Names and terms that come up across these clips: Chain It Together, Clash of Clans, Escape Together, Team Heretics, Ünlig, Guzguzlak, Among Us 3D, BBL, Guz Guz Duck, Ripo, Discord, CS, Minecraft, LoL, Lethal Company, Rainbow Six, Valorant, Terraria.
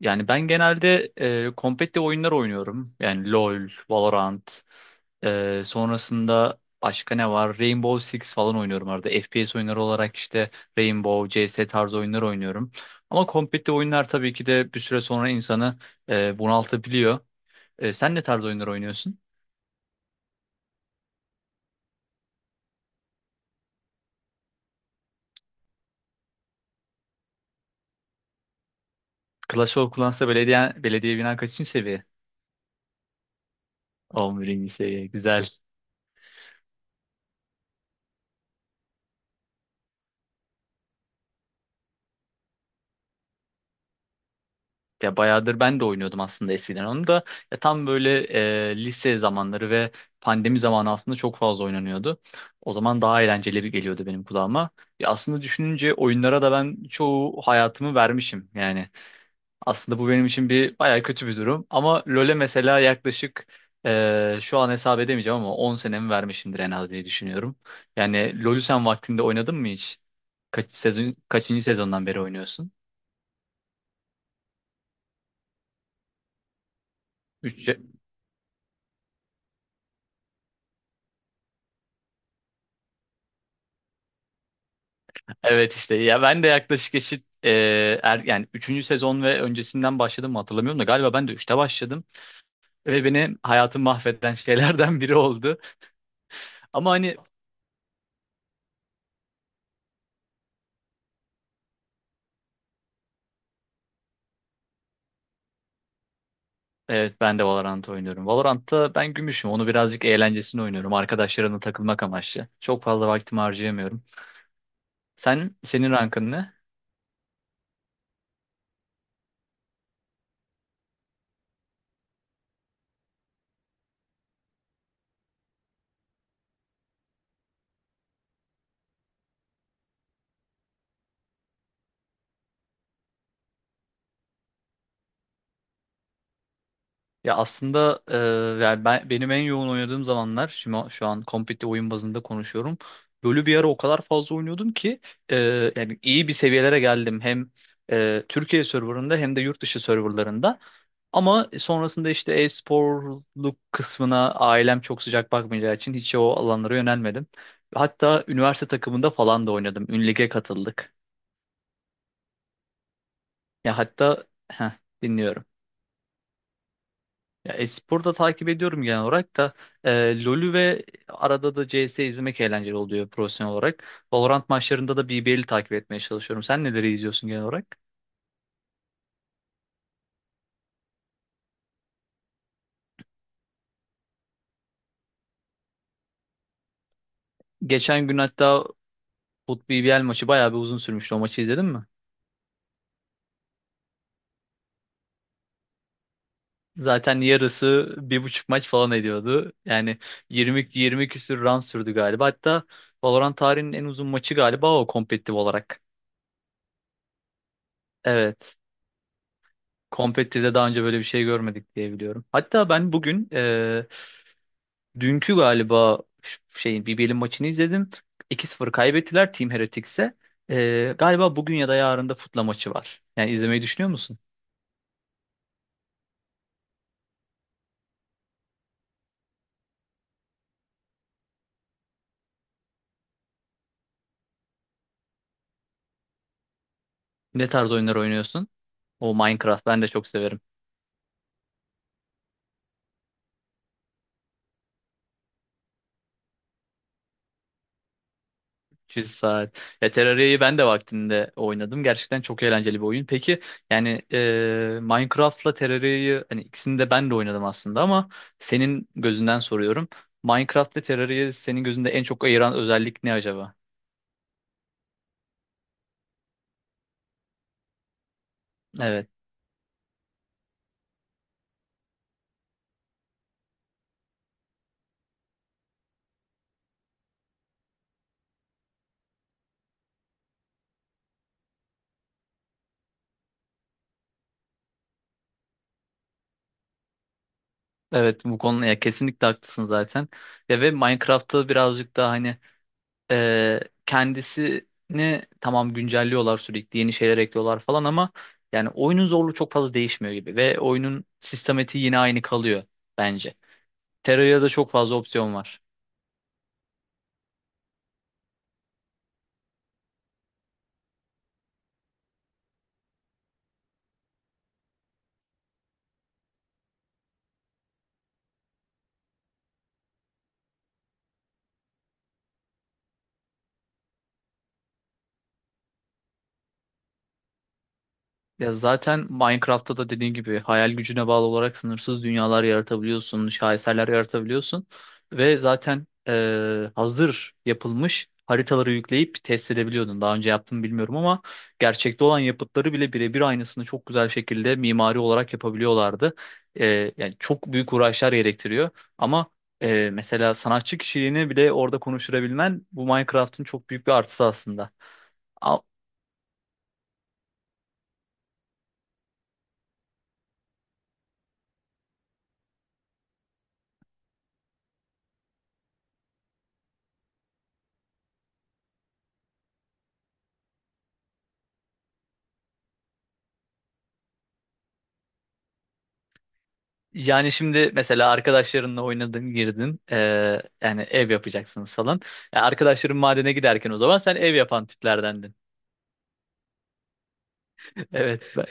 Yani ben genelde kompetitif oyunlar oynuyorum. Yani LoL, Valorant, sonrasında başka ne var? Rainbow Six falan oynuyorum arada. FPS oyunları olarak işte Rainbow, CS tarzı oyunlar oynuyorum. Ama kompetitif oyunlar tabii ki de bir süre sonra insanı bunaltabiliyor. Sen ne tarz oyunlar oynuyorsun? Clash of Clans'ta belediye binan kaçıncı seviye? 11. seviye. Güzel. Ya bayağıdır ben de oynuyordum aslında eskiden onu da. Ya tam böyle lise zamanları ve pandemi zamanı aslında çok fazla oynanıyordu. O zaman daha eğlenceli bir geliyordu benim kulağıma. Ya aslında düşününce oyunlara da ben çoğu hayatımı vermişim yani. Aslında bu benim için bir bayağı kötü bir durum. Ama LoL'e mesela yaklaşık şu an hesap edemeyeceğim ama 10 senemi vermişimdir en az diye düşünüyorum. Yani LoL'ü sen vaktinde oynadın mı hiç? Kaç sezon, kaçıncı sezondan beri oynuyorsun? Üç. Evet işte ya ben de yaklaşık eşit yani üçüncü sezon ve öncesinden başladım mı hatırlamıyorum da galiba ben de üçte başladım ve beni hayatım mahveden şeylerden biri oldu. Ama hani. Evet, ben de Valorant oynuyorum. Valorant'ta ben gümüşüm. Onu birazcık eğlencesine oynuyorum. Arkadaşlarımla takılmak amaçlı. Çok fazla vaktimi harcayamıyorum. Sen senin rankın ne? Ya aslında yani benim en yoğun oynadığım zamanlar şimdi şu an kompetitif oyun bazında konuşuyorum. LoL'ü bir ara o kadar fazla oynuyordum ki yani iyi bir seviyelere geldim hem Türkiye serverında hem de yurt dışı serverlarında. Ama sonrasında işte e-sporluk kısmına ailem çok sıcak bakmayacağı için hiç o alanlara yönelmedim. Hatta üniversite takımında falan da oynadım. Ünlig'e katıldık. Ya hatta heh, dinliyorum. Ya e-sporu da takip ediyorum genel olarak da LoL'ü ve arada da CS izlemek eğlenceli oluyor profesyonel olarak. Valorant maçlarında da BBL'i takip etmeye çalışıyorum. Sen neleri izliyorsun genel olarak? Geçen gün hatta FUT BBL maçı bayağı bir uzun sürmüştü. O maçı izledin mi? Zaten yarısı bir buçuk maç falan ediyordu. Yani 20 20 küsür round sürdü galiba. Hatta Valorant tarihinin en uzun maçı galiba o kompetitif olarak. Evet. Kompetitif'te daha önce böyle bir şey görmedik diye biliyorum. Hatta ben bugün, dünkü galiba şeyin BBL'in maçını izledim. 2-0 kaybettiler Team Heretics'e. Galiba bugün ya da yarın da Foot'la maçı var. Yani izlemeyi düşünüyor musun? Ne tarz oyunlar oynuyorsun? O Minecraft ben de çok severim. 100 saat. Ya Terraria'yı ben de vaktinde oynadım. Gerçekten çok eğlenceli bir oyun. Peki yani Minecraft'la Terraria'yı hani ikisini de ben de oynadım aslında ama senin gözünden soruyorum. Minecraft ve Terraria'yı senin gözünde en çok ayıran özellik ne acaba? Evet. Evet, bu konuda ya kesinlikle haklısın zaten. Ya ve Minecraft'ta birazcık daha hani e, kendisini tamam güncelliyorlar, sürekli yeni şeyler ekliyorlar falan ama yani oyunun zorluğu çok fazla değişmiyor gibi ve oyunun sistematiği yine aynı kalıyor bence. Terraria'da çok fazla opsiyon var. Ya zaten Minecraft'ta da dediğin gibi hayal gücüne bağlı olarak sınırsız dünyalar yaratabiliyorsun, şaheserler yaratabiliyorsun ve zaten hazır yapılmış haritaları yükleyip test edebiliyordun. Daha önce yaptım bilmiyorum ama gerçekte olan yapıtları bile birebir aynısını çok güzel şekilde mimari olarak yapabiliyorlardı. Yani çok büyük uğraşlar gerektiriyor ama mesela sanatçı kişiliğini bile orada konuşturabilmen bu Minecraft'ın çok büyük bir artısı aslında. Yani şimdi mesela arkadaşlarınla oynadın, girdin. Yani ev yapacaksınız falan. Yani arkadaşların madene giderken o zaman sen ev yapan tiplerdendin. Evet.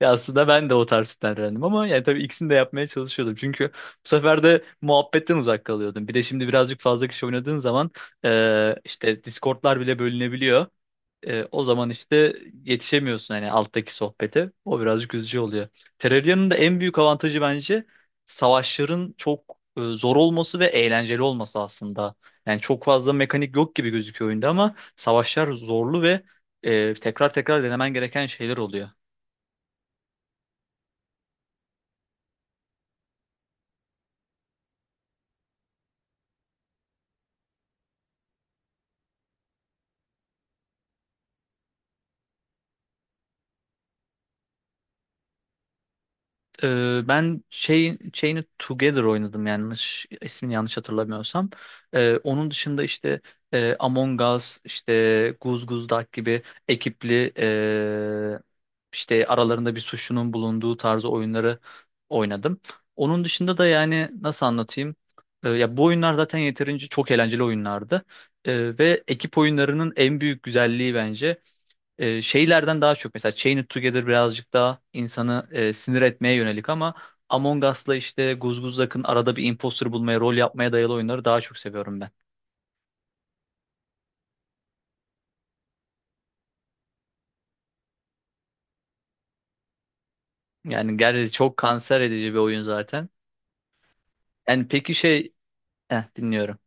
Ya aslında ben de o tarz tiplerdendim ama yani tabii ikisini de yapmaya çalışıyordum. Çünkü bu sefer de muhabbetten uzak kalıyordum. Bir de şimdi birazcık fazla kişi oynadığın zaman işte Discord'lar bile bölünebiliyor. O zaman işte yetişemiyorsun hani alttaki sohbete. O birazcık üzücü oluyor. Terraria'nın da en büyük avantajı bence savaşların çok zor olması ve eğlenceli olması aslında. Yani çok fazla mekanik yok gibi gözüküyor oyunda ama savaşlar zorlu ve tekrar tekrar denemen gereken şeyler oluyor. Ben şeyini Together oynadım, yanlış hatırlamıyorsam. Onun dışında işte Among Us, işte Guz Guz Duck gibi ekipli, işte aralarında bir suçlunun bulunduğu tarzı oyunları oynadım. Onun dışında da yani nasıl anlatayım? Ya bu oyunlar zaten yeterince çok eğlenceli oyunlardı. Ve ekip oyunlarının en büyük güzelliği bence şeylerden daha çok, mesela Chain It Together birazcık daha insanı sinir etmeye yönelik ama Among Us'la işte Guzguzlak'ın arada bir imposter bulmaya, rol yapmaya dayalı oyunları daha çok seviyorum ben. Yani gerçi çok kanser edici bir oyun zaten. Yani peki şey... Dinliyorum.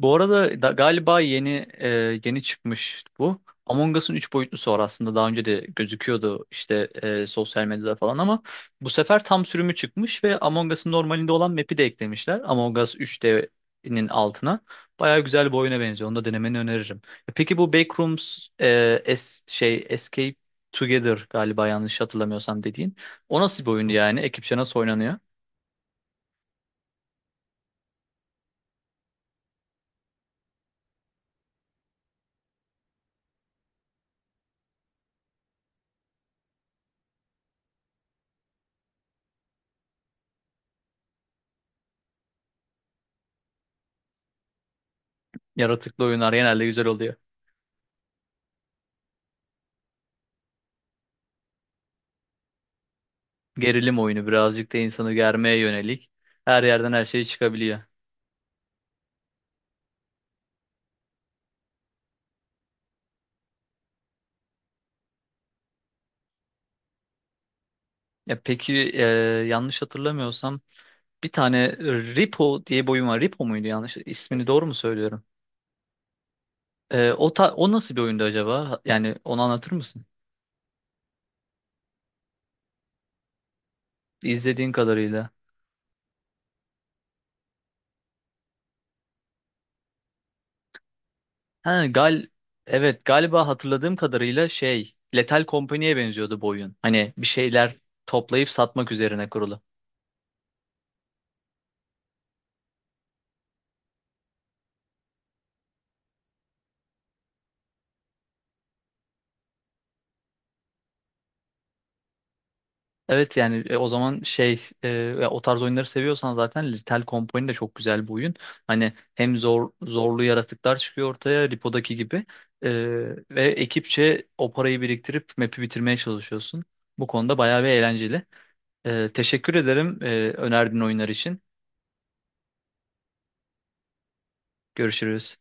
Bu arada da, galiba e, yeni çıkmış bu. Among Us'ın 3 boyutlusu var aslında, daha önce de gözüküyordu işte sosyal medyada falan ama bu sefer tam sürümü çıkmış ve Among Us'ın normalinde olan map'i de eklemişler. Among Us 3D'nin altına. Baya güzel bir oyuna benziyor. Onu da denemeni öneririm. Peki bu Backrooms, e, es, şey Escape Together galiba, yanlış hatırlamıyorsam, dediğin. O nasıl bir oyun yani? Ekipçe nasıl oynanıyor? Yaratıklı oyunlar genelde güzel. Gerilim oyunu birazcık da insanı germeye yönelik. Her yerden her şey çıkabiliyor. Ya peki yanlış hatırlamıyorsam bir tane Ripo diye bir oyun var. Ripo muydu yanlış? İsmini doğru mu söylüyorum? O nasıl bir oyundu acaba? Yani onu anlatır mısın? İzlediğin kadarıyla. Ha, evet, galiba hatırladığım kadarıyla şey Lethal Company'ye benziyordu bu oyun. Hani bir şeyler toplayıp satmak üzerine kurulu. Evet yani o zaman ya o tarz oyunları seviyorsan zaten Lethal Company de çok güzel bir oyun. Hani hem zorlu yaratıklar çıkıyor ortaya Lipo'daki gibi. E, Ve ekipçe o parayı biriktirip map'i bitirmeye çalışıyorsun. Bu konuda bayağı bir eğlenceli. Teşekkür ederim önerdiğin oyunlar için. Görüşürüz.